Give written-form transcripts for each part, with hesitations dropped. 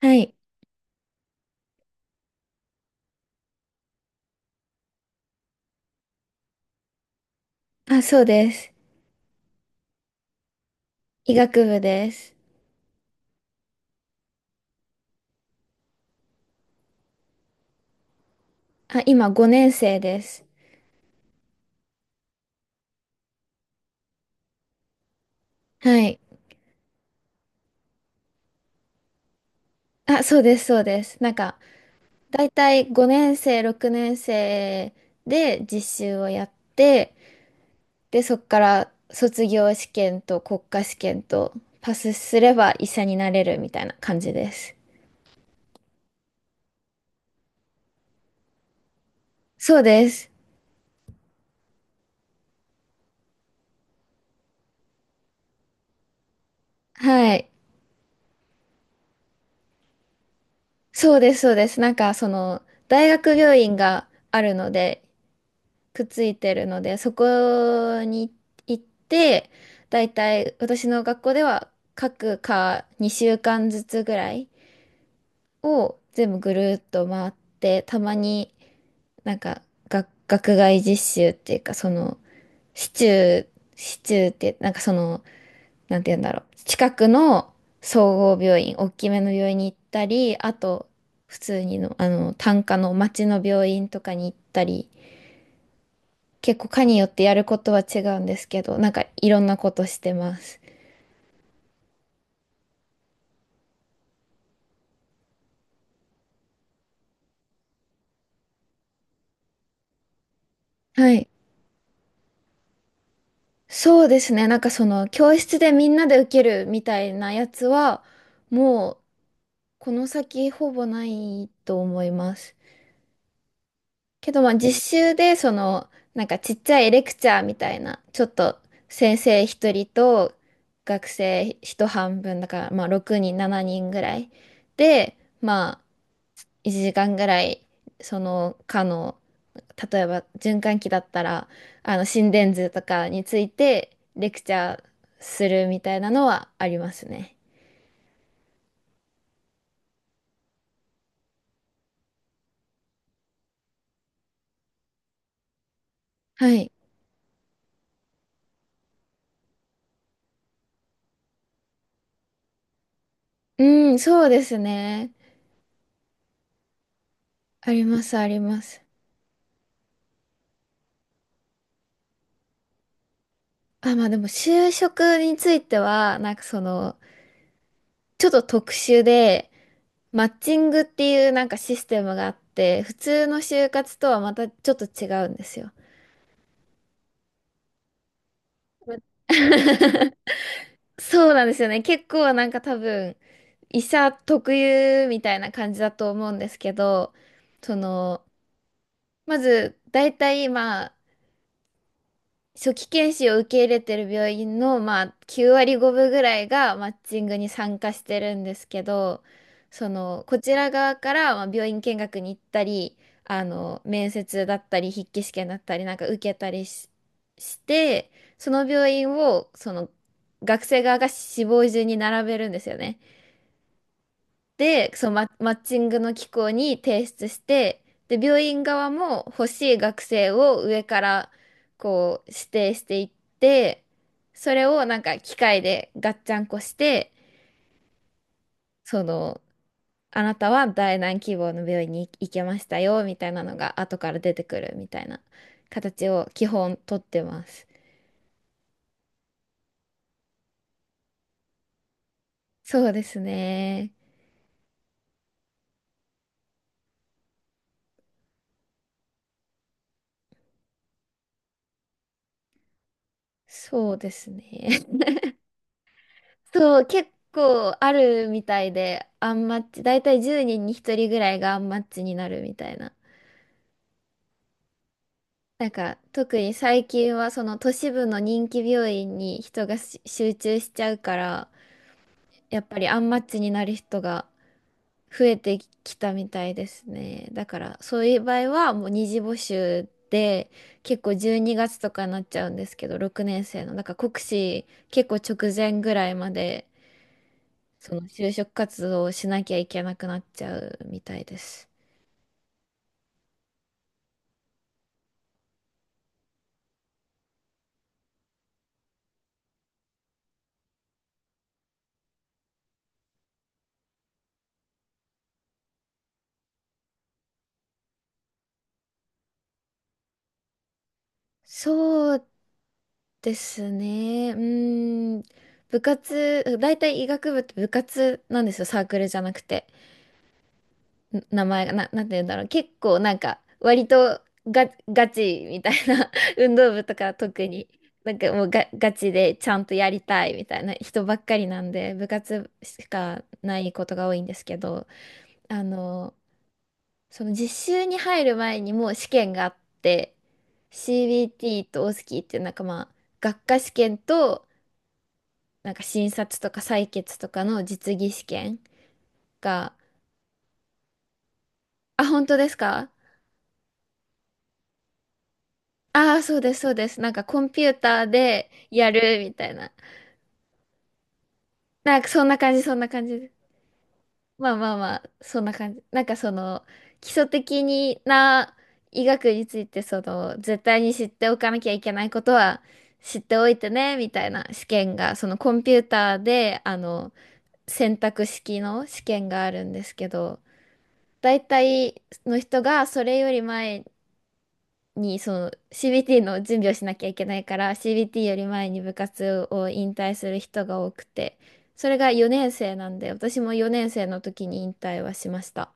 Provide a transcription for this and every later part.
はい。あ、そうです。医学部です。あ、今5年生です。はい。あ、そうです、そうです。なんか、だいたい5年生、6年生で実習をやって、で、そっから卒業試験と国家試験とパスすれば医者になれるみたいな感じです。そうです。はい。そうです、そうです。なんか、大学病院があるので、くっついてるので、そこに行って、だいたい私の学校では各科2週間ずつぐらいを全部ぐるっと回って、たまになんか学外実習っていうか、市中、市中って、なんかなんて言うんだろう。近くの総合病院、大きめの病院に行ったり、あと、普通にの、単科の町の病院とかに行ったり、結構科によってやることは違うんですけど、なんかいろんなことしてます。はい。そうですね。なんかその教室でみんなで受けるみたいなやつは、もうこの先ほぼないと思います。けどまあ実習でなんかちっちゃいレクチャーみたいな、ちょっと先生一人と学生一半分だからまあ6人、7人ぐらいで、まあ1時間ぐらいその科の、例えば循環器だったらあの心電図とかについてレクチャーするみたいなのはありますね。はい。うん、そうですね。あります、あります。あ、まあでも就職については、なんかちょっと特殊で、マッチングっていうなんかシステムがあって、普通の就活とはまたちょっと違うんですよ。うん。 そうなんですよね。結構なんか多分、医者特有みたいな感じだと思うんですけど、その、まず、大体まあ、初期研修を受け入れてる病院の、まあ、9割5分ぐらいがマッチングに参加してるんですけど、こちら側から、まあ、病院見学に行ったり、面接だったり、筆記試験だったり、なんか受けたりして、その病院を、学生側が志望順に並べるんですよね。で、そう、マッチングの機構に提出して、で、病院側も欲しい学生を上からこう指定していって、それをなんか機械でガッチャンコして、その、あなたは第何希望の病院に行けましたよ、みたいなのが後から出てくるみたいな形を基本取ってます。そうですね。そうですね。そう、結構あるみたいで、アンマッチ、だいたい10人に1人ぐらいがアンマッチになるみたいな。なんか、特に最近はその都市部の人気病院に人が集中しちゃうから、やっぱりアンマッチになる人が増えてきたみたいですね。だから、そういう場合はもう二次募集で、結構12月とかになっちゃうんですけど、6年生の。なんか国試結構直前ぐらいまで。その就職活動をしなきゃいけなくなっちゃうみたいです。そうですね。うーん。部活、大体医学部って部活なんですよ。サークルじゃなくて。名前が、なんて言うんだろう。結構なんか、割とガチみたいな 運動部とか特に。なんかもうガチでちゃんとやりたいみたいな人ばっかりなんで、部活しかないことが多いんですけど、あの、その実習に入る前にもう試験があって、 CBT とオスキーっていうなんかまあ学科試験と、なんか診察とか採血とかの実技試験が。あ、本当ですか？ああー、そうです、そうです。なんかコンピューターでやるみたいな。なんかそんな感じ、そんな感じ。まあまあまあ、そんな感じ。なんか基礎的な医学について、絶対に知っておかなきゃいけないことは知っておいてね、みたいな試験が、そのコンピューターで、選択式の試験があるんですけど、大体の人がそれより前に、CBT の準備をしなきゃいけないから、CBT より前に部活を引退する人が多くて、それが4年生なんで、私も4年生の時に引退はしました。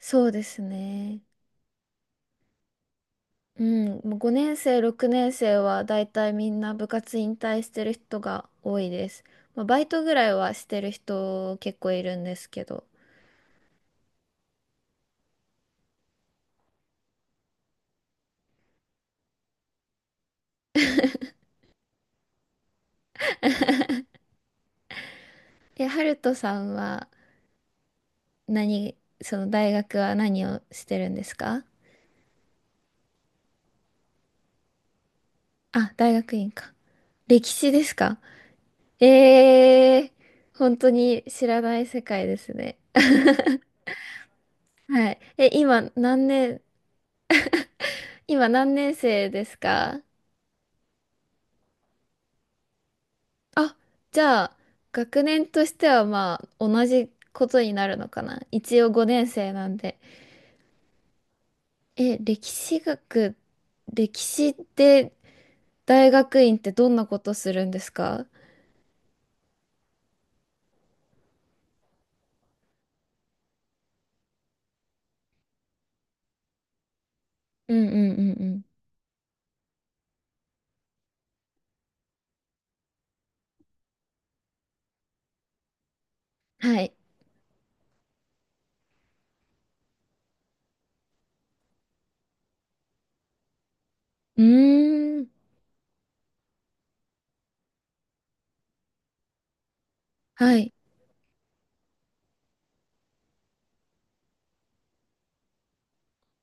そうですね。うん、もう5年生、6年生はだいたいみんな部活引退してる人が多いです。まあ、バイトぐらいはしてる人結構いるんですけど。え、ハルトさんはその大学は何をしてるんですか？あ、大学院か。歴史ですか？ええー、本当に知らない世界ですね。はい。え、今何年生ですか？あ、じゃあ、学年としてはまあ、同じことになるのかな。一応5年生なんで。え、歴史って大学院ってどんなことするんですか？うん、うん、うん、うん。はい。うーん。はい。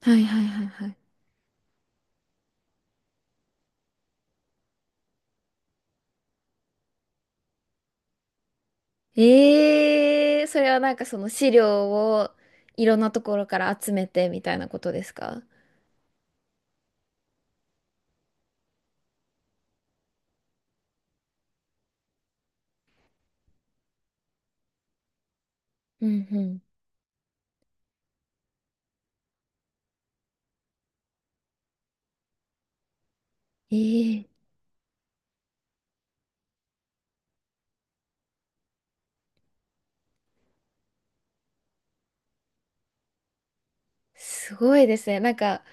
はい、はい、はい、はい。ええー、それはなんかその資料をいろんなところから集めてみたいなことですか？うん、うん。ええー、すごいですね。なんか、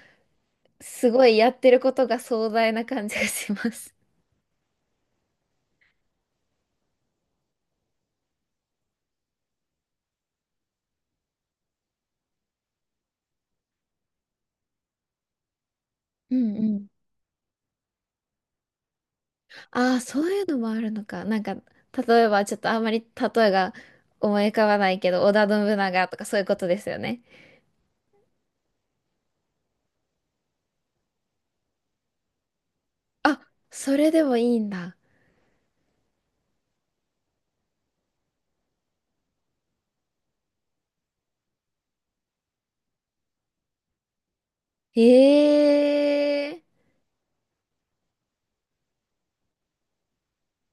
すごいやってることが壮大な感じがします。うん、うん。ああ、そういうのもあるのか。なんか、例えばちょっとあんまり例えが思い浮かばないけど、織田信長とかそういうことですよね。あ、それでもいいんだ。へえ。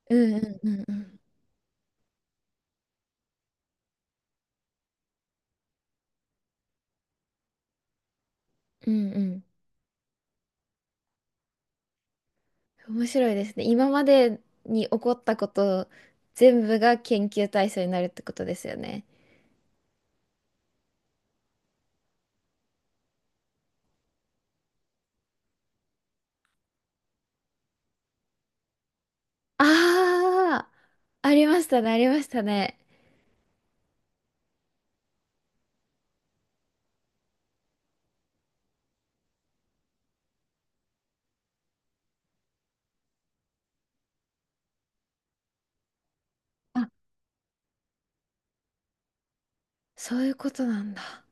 うん、うん、うん、うん。うん、うん。面白いですね。今までに起こったこと全部が研究対象になるってことですよね。ああ、ありましたね、ありましたね。あ、そういうことなんだ。